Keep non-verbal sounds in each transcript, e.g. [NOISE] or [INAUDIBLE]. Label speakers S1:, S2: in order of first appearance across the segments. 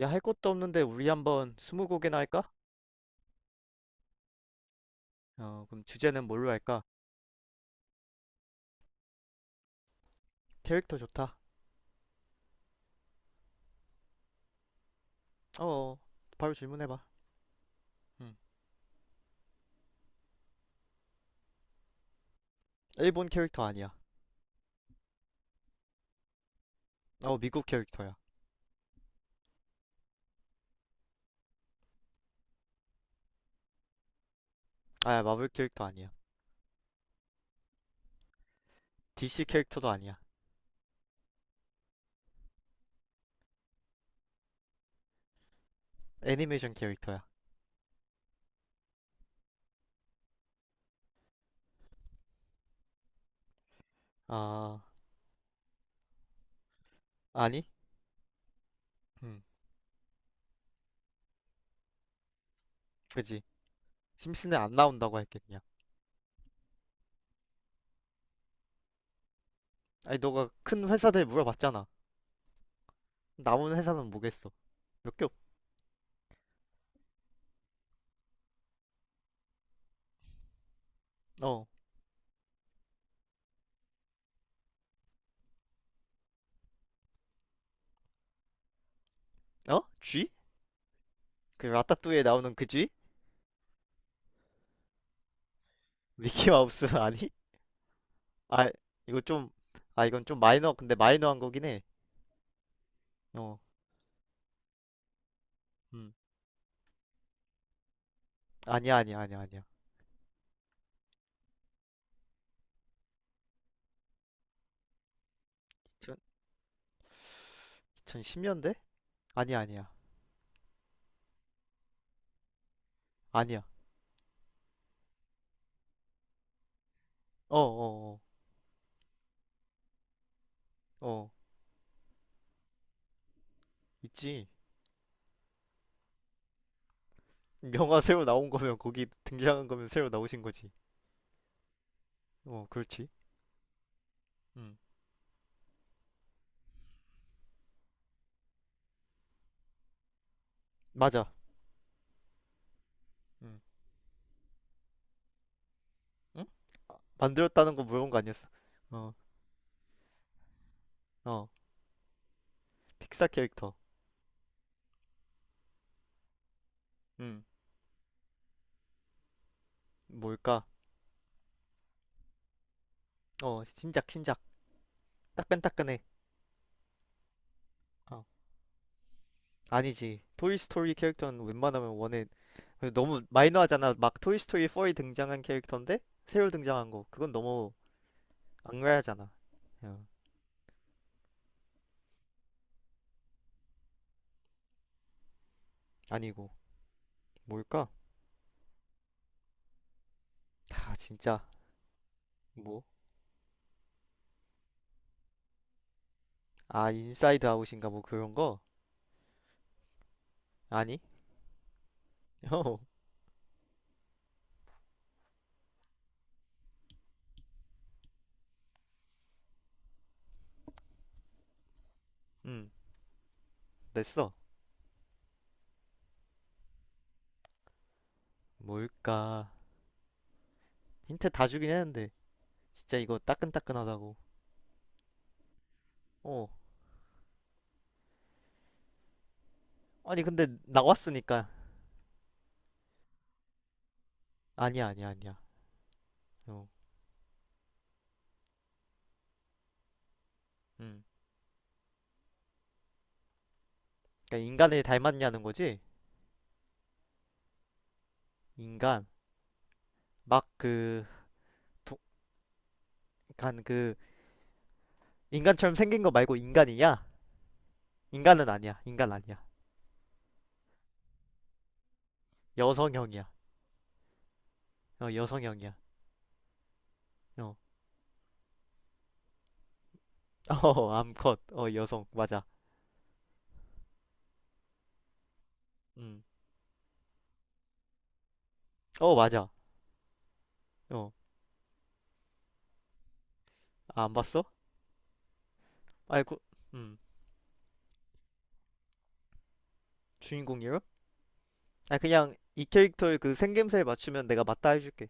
S1: 야, 할 것도 없는데 우리 한번 스무고개나 할까? 그럼 주제는 뭘로 할까? 캐릭터 좋다. 어, 어. 바로 질문해봐. 음. 일본 캐릭터 아니야. 어, 미국 캐릭터야. 아, 마블 캐릭터 아니야. DC 캐릭터도 아니야. 애니메이션 캐릭터야. 아, 아니? 음, 그지. 심슨은 안 나온다고 할게, 그냥. 아니, 너가 큰 회사들 물어봤잖아. 남은 회사는 뭐겠어? 몇 개 없, 어, 어? 쥐? 그 라따뚜이에 나오는 그 쥐? 미키 마우스 [LAUGHS] 아니? 아, 이거 좀, 아, 이건 좀 마이너, 근데 마이너한 거긴 해. 어, 음. 아니야, 아니야, 아니야, 아니야. 2010년대 아니야, 아니야. 아니야. 어, 어, 어, 어. 있지. 영화 새로 나온 거면, 거기 등장한 거면 새로 나오신 거지. 어, 그렇지. 음. 맞아. 음. 응? 아, 만들었다는 거 물어본 거 아니었어. 어, 어. 픽사 캐릭터. 음. 뭘까? 어, 신작, 신작. 따끈따끈해. 어. 아니지. 토이 스토리 캐릭터는 웬만하면 원에, 그래서 너무 마이너하잖아. 막 토이스토리 4에 등장한 캐릭터인데 새로 등장한 거. 그건 너무 악랄하잖아. 야, 아니고 뭘까? 다 진짜. 뭐? 아 인사이드 아웃인가 뭐 그런 거? 아니? [LAUGHS] 어, 음 됐어. 뭘까? 힌트 다 주긴 했는데 진짜 이거 따끈따끈하다고. 어. 아니 근데 나왔으니까. 아니야 아니야 아니야. 어, 음 그러니까 인간을 닮았냐는 거지? 인간, 막 그 간그 인간처럼 생긴 거 말고 인간이냐? 인간은 아니야. 인간 아니야. 여성형이야. 어, 여성형이야. 어. [LAUGHS] 어, 암컷. 어, 여성. 맞아. 음. 어, 맞아. 어. 아, 안 봤어? 아이고. 음. 주인공이요? 아, 그냥 이 캐릭터의 그 생김새를 맞추면 내가 맞다 해줄게.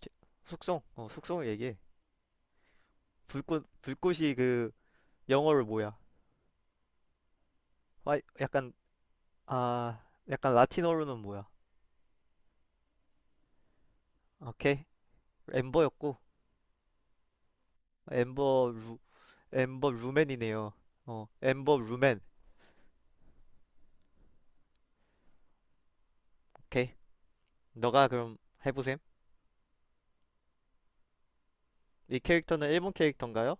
S1: 캐- 숙성. 어, 숙성을 얘기해. 불꽃이 그 영어로 뭐야? 아, 약간, 아, 약간 라틴어로는 뭐야? 오케이. 엠버였고, 엠버 루, 엠버 루맨이네요. 어, 엠버 루맨. 오케이. 너가 그럼 해보셈. 이 캐릭터는 일본 캐릭터인가요?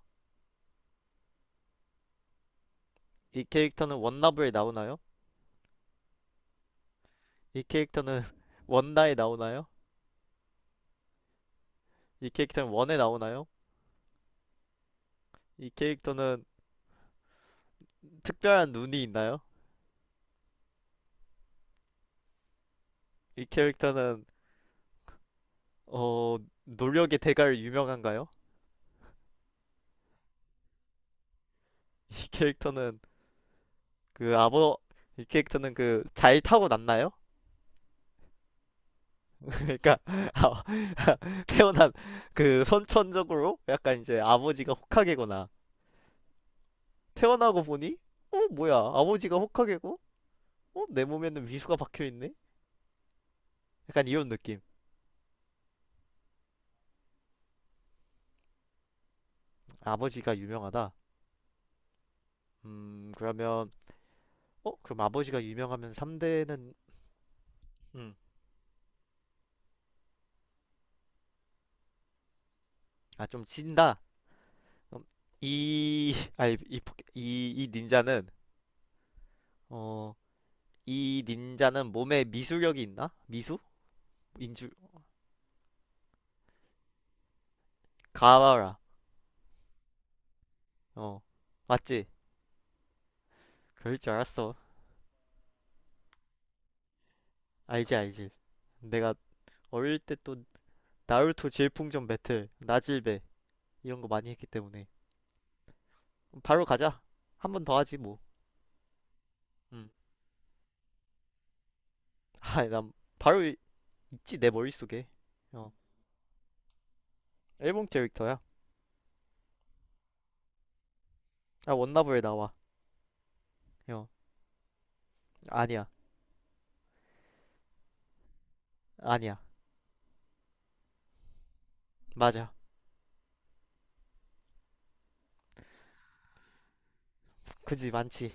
S1: 이 캐릭터는 원나블에 나오나요? 이 캐릭터는 [LAUGHS] 원나에 나오나요? 이 캐릭터는 원에 나오나요? 이 캐릭터는 특별한 눈이 있나요? 이 캐릭터는 어, 노력의 대가로 유명한가요? 이 캐릭터는 그 아버, 이 캐릭터는 그 잘 타고났나요? 그러니까 [LAUGHS] 아, 태어난, 그 선천적으로 약간 이제 아버지가 호카게거나 태어나고 보니, 어 뭐야, 아버지가 호카게고, 어 내 몸에는 미수가 박혀 있네, 약간 이런 느낌. 아버지가 유명하다. 그러면, 어 그럼 아버지가 유명하면 3대는, 아 좀 진다. 그럼 이, [LAUGHS] 아니 이, 포- 이, 이 닌자는, 어, 이 닌자는 몸에 미수력이 있나, 미수, 인주, 가와라. 어 맞지. 그럴 줄 알았어. 알지 알지. 내가 어릴 때 또 나루토 질풍전 배틀 나질배 이런 거 많이 했기 때문에 바로 가자. 한 번 더 하지 뭐. 음. 아, [LAUGHS] 난 바로 이- 있지, 내 머릿속에. 어. 앨범 캐릭터야. 아, 원나블에 나와. 어. 아니야. 아니야. 맞아. 그지 많지.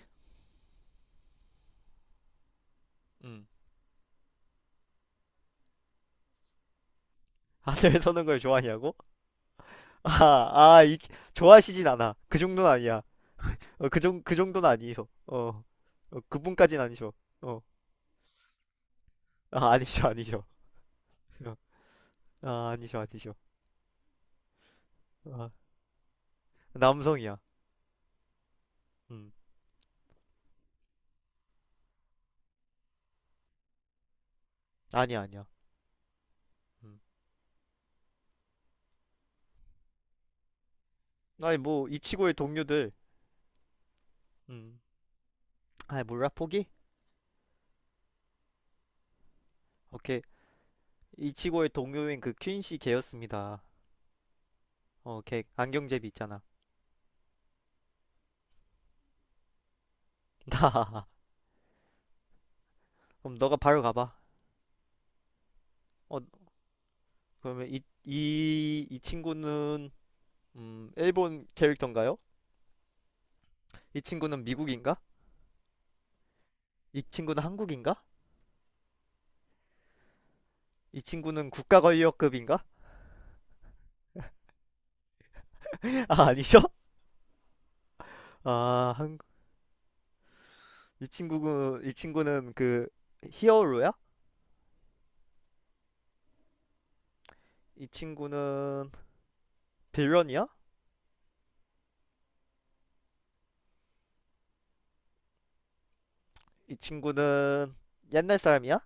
S1: 음. 하늘 [LAUGHS] 서는 걸 좋아하냐고? [LAUGHS] 아, 아, 이, 좋아하시진 않아. 그 정도는 아니야. 어, 그 정, 그 정도는 아니셔. 어, 어, 그분까진 아니셔. 어, 아, 아니셔, 아니셔. 어, 아, 아니셔, 아니셔. 아, 남성이야. 음, 아니야, 아니야. 음. 아니, 뭐, 이치고의 동료들. 음. 아, 몰라, 포기? 오케이. 이치고의 동료인 그 퀸시 걔였습니다. 어, 걔 안경제비 있잖아. [LAUGHS] 나. 그럼 너가 바로 가봐. 어, 그러면 이, 이, 이 친구는, 일본 캐릭터인가요? 이 친구는 미국인가? 이 친구는 한국인가? 이 친구는 국가권력급인가? [LAUGHS] 아, 아니죠? 아, 한, 이 친구는, 이 친구는 그 히어로야? 이 친구는 빌런이야? 이 친구는 옛날 사람이야?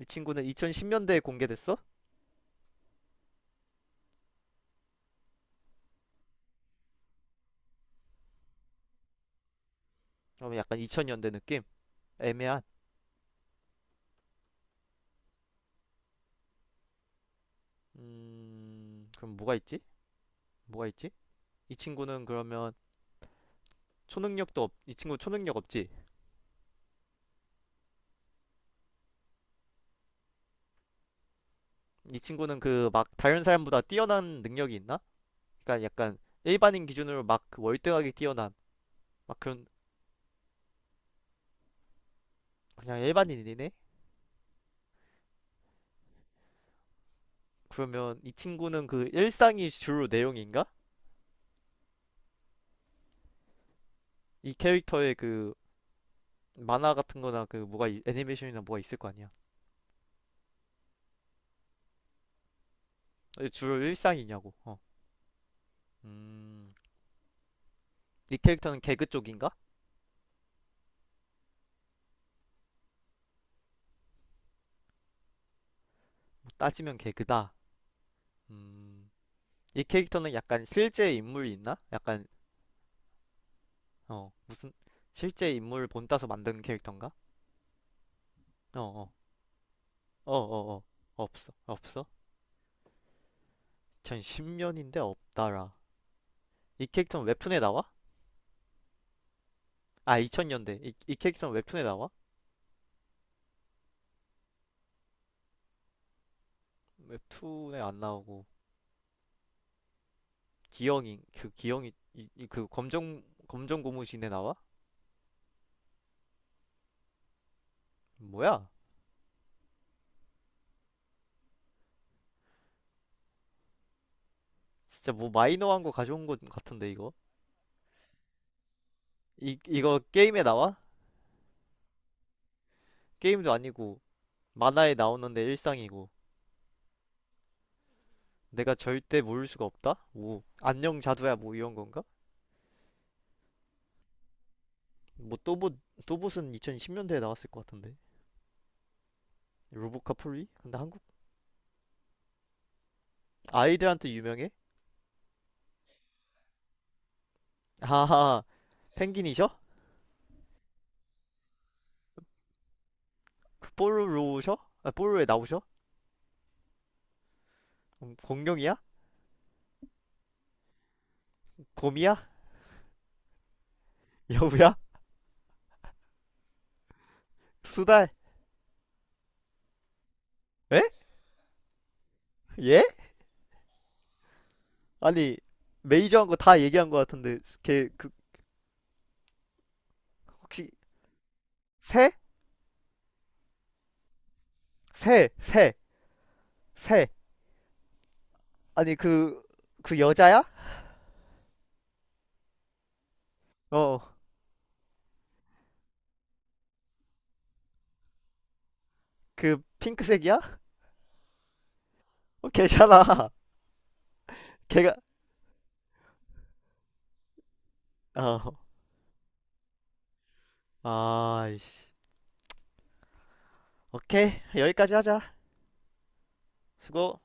S1: 이 친구는 2010년대에 공개됐어? 그러면 약간 2000년대 느낌? 애매한. 그럼 뭐가 있지? 뭐가 있지? 이 친구는 그러면 초능력도 없, 이 친구 초능력 없지? 이 친구는 그 막 다른 사람보다 뛰어난 능력이 있나? 그러니까 약간 일반인 기준으로 막그 월등하게 뛰어난, 막 그런, 그냥 일반인이네? 그러면 이 친구는 그 일상이 주로 내용인가? 이 캐릭터의 그 만화 같은 거나 그 뭐가 있- 애니메이션이나 뭐가 있을 거 아니야? 어, 주로 일상이냐고. 어. 음. 이 캐릭터는 개그 쪽인가? 뭐 따지면 개그다. 음, 이 캐릭터는 약간 실제 인물이 있나? 약간, 어, 무슨, 실제 인물 본따서 만든 캐릭터인가? 어, 어, 어, 어, 어, 없어, 없어? 2010년인데 없다라. 이 캐릭터는 웹툰에 나와? 아, 2000년대. 이, 이 캐릭터는 웹툰에 나와? 웹툰에 안 나오고, 기영이, 그 기영이, 이, 이- 그 검정, 검정 고무신에 나와? 뭐야? 진짜 뭐 마이너한 거 가져온 것 같은데, 이거? 이, 이거 게임에 나와? 게임도 아니고, 만화에 나오는데 일상이고 내가 절대 모를 수가 없다? 오 안녕 자두야 뭐 이런 건가? 뭐 또봇, 또봇은 2010년대에 나왔을 것 같은데, 로보카폴리? 근데 한국 아이들한테 유명해? 하하. 펭귄이셔? 그 뽀로로셔? 아 뽀로로에 나오셔? 공룡이야? 곰이야? [LAUGHS] 여우야? 수달? 에? 예? 아니 메이저한 거 다 얘기한 것 같은데 걔 그, 혹시 새? 새, 새, 새. 아니 그, 그 여자야? 어, 어. 그 핑크색이야? 어, 괜찮아. [LAUGHS] 걔가, 어, 아, 오케이. 여기까지 하자. 수고.